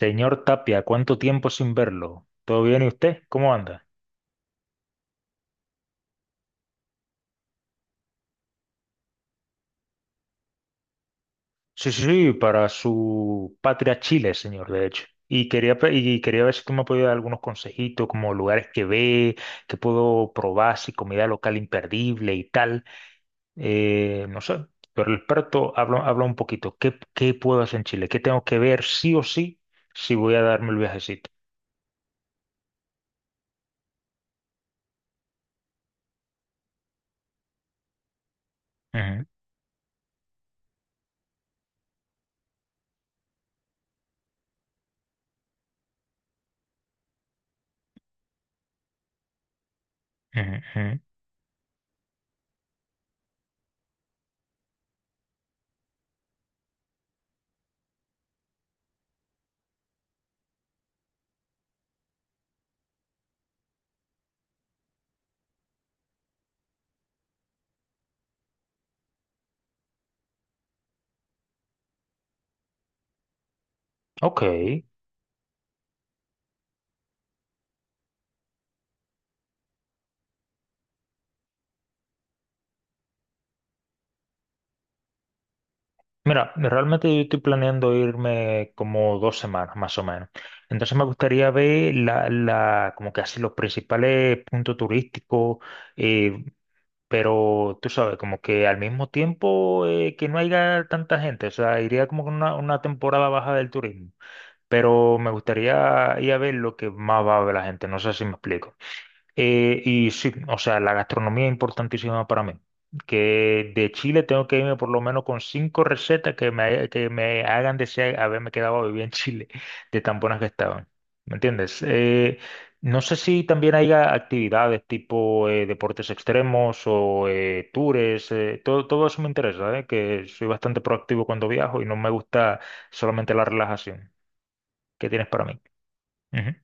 Señor Tapia, ¿cuánto tiempo sin verlo? ¿Todo bien y usted? ¿Cómo anda? Sí, sí, sí, para su patria Chile, señor, de hecho. Y quería, quería ver si tú me podías dar algunos consejitos, como lugares que ve, que puedo probar, si comida local imperdible y tal. No sé, pero el experto habla un poquito. Qué puedo hacer en Chile? ¿Qué tengo que ver sí o sí si voy a darme el viajecito? Ujú, ujú, ujú. Ok. Mira, realmente yo estoy planeando irme como 2 semanas más o menos. Entonces me gustaría ver como que así los principales puntos turísticos, eh, pero tú sabes, como que al mismo tiempo que no haya tanta gente, o sea, iría como con una temporada baja del turismo, pero me gustaría ir a ver lo que más va a ver la gente, no sé si me explico. Y sí, o sea, la gastronomía es importantísima para mí. Que de Chile tengo que irme por lo menos con 5 recetas que me hagan desear haberme quedado a vivir en Chile, de tan buenas que estaban. ¿Me entiendes? No sé si también hay actividades tipo deportes extremos o tours, todo eso me interesa, que soy bastante proactivo cuando viajo y no me gusta solamente la relajación. ¿Qué tienes para mí? Ujú.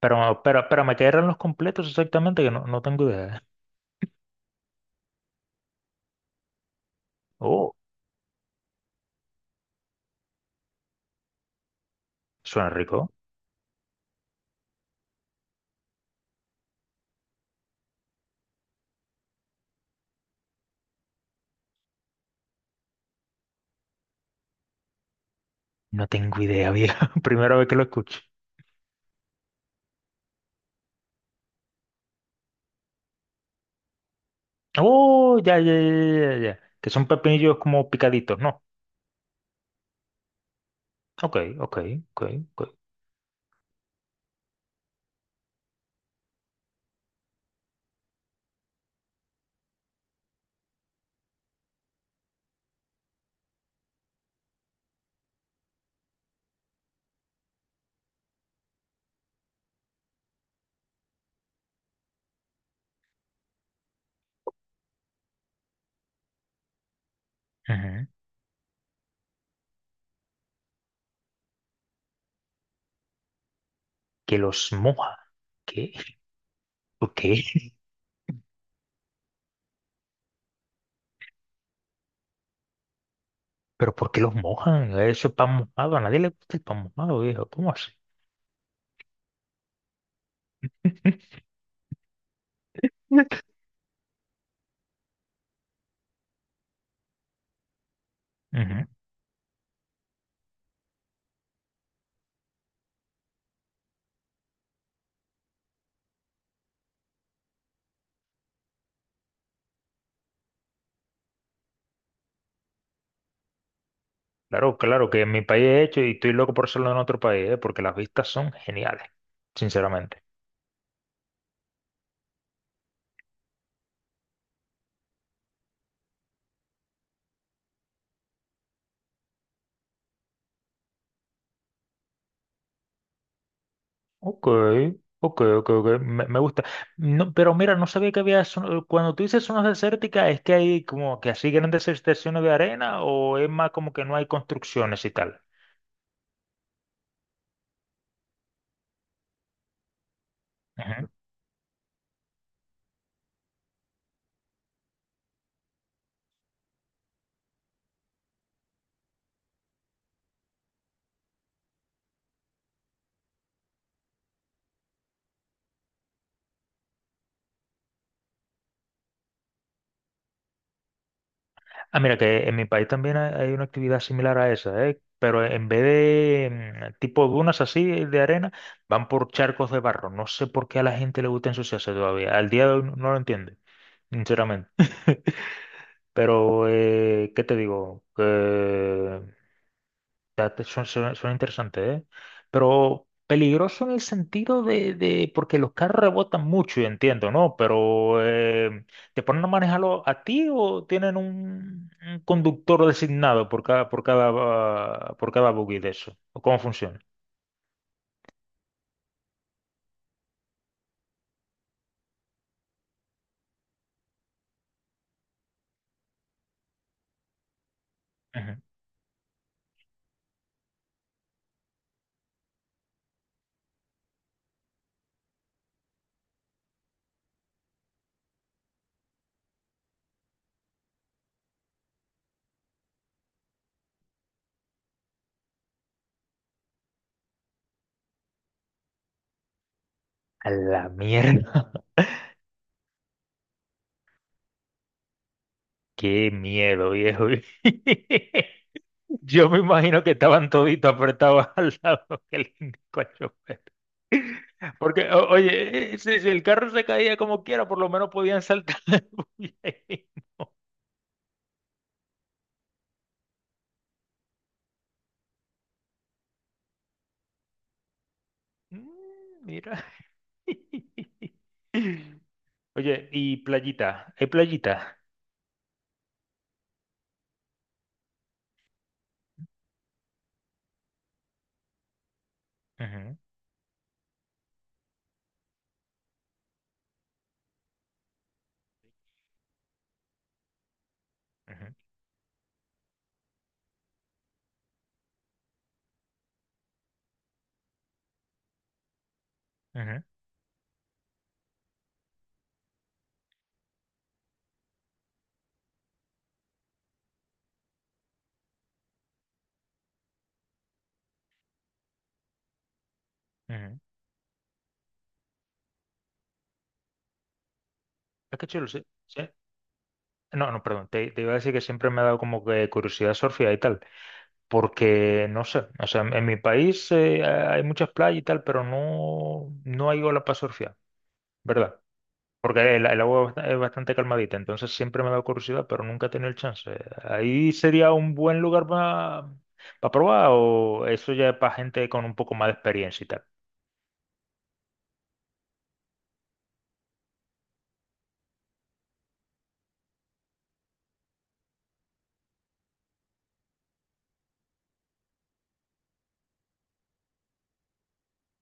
Pero me quedaron los completos exactamente, que no, no tengo idea. ¿Eh? Oh, suena rico. No tengo idea, viejo. Primera vez que lo escucho. Oh, ya. Que son pepinillos como picaditos, ¿no? Ok, ok, ok. Ujú. Que los moja. ¿Qué? ¿Por qué? ¿Pero por qué los mojan? Eso es pan mojado. A nadie le gusta el pan mojado, viejo. ¿Cómo así? Ujú. Claro, claro, que en mi país he hecho y estoy loco por hacerlo en otro país, ¿eh? Porque las vistas son geniales, sinceramente. Ok, ok, me gusta. No, pero mira, no sabía que cuando tú dices zonas desérticas, ¿es que hay como que así grandes extensiones de arena o es más como que no hay construcciones y tal? Ujú. Ah, mira, que en mi país también hay una actividad similar a esa, ¿eh? Pero en vez de tipo dunas así de arena, van por charcos de barro. No sé por qué a la gente le gusta ensuciarse todavía. Al día de hoy no lo entiendo, sinceramente. Pero, ¿qué te digo? Que Suena interesante, ¿eh? Pero peligroso en el sentido porque los carros rebotan mucho, y entiendo, ¿no? Pero ¿te ponen a manejarlo a ti o tienen un conductor designado por cada buggy de eso? ¿O cómo funciona? Ujú. A la mierda. Qué miedo, viejo. Yo me imagino que estaban toditos apretados al lado del Porque, oye, si el carro se caía como quiera, por lo menos podían saltar. Uy, eh. Mm, Mira. Oye, y playita, ¿hay playita? Ujú, ujú, ujú, ujú. Es que chulo, sí, sí. No, no, perdón, te iba a decir que siempre me ha dado como que curiosidad surfear y tal, porque no sé, o sea, en mi país hay muchas playas y tal, pero no hay ola para surfear, ¿verdad? Agua es bastante calmadita, entonces siempre me da curiosidad, pero nunca he tenido el chance. Ahí sería un buen lugar para probar, o eso ya es para gente con un poco más de experiencia y tal.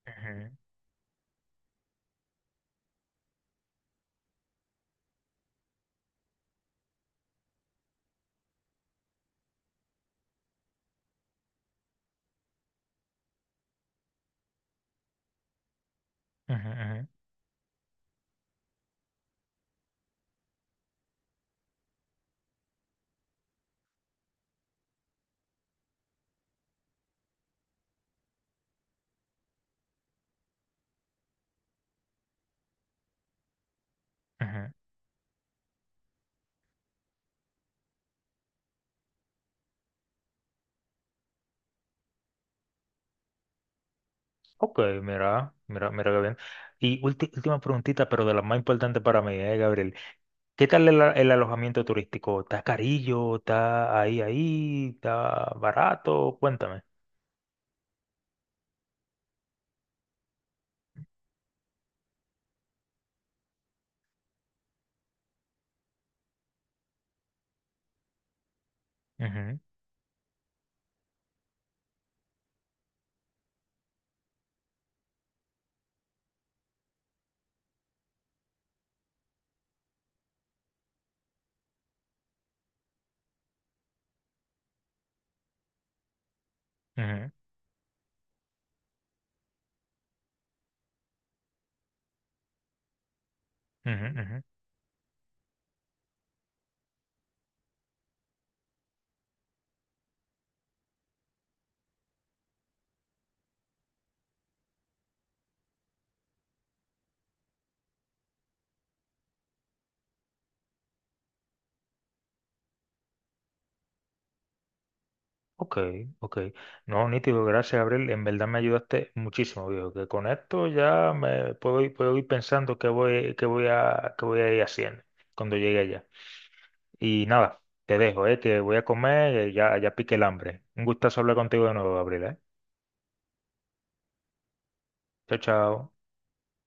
Ujú, ujú, ujú, ujú. Ok, mira, mira qué bien. Y última preguntita, pero de las más importantes para mí, Gabriel. ¿Qué tal el alojamiento turístico? ¿Está carillo? ¿Está ahí? ¿Está barato? Cuéntame. Ujú, ujú, ujú, ujú, Ok, ok. No, nítido, gracias, Gabriel. En verdad me ayudaste muchísimo, viejo. Que con esto ya me puedo ir pensando qué voy a ir haciendo cuando llegue allá. Y nada, te dejo, que voy a comer, ya pique el hambre. Un gustazo hablar contigo de nuevo, Gabriel, eh. Chao, chao.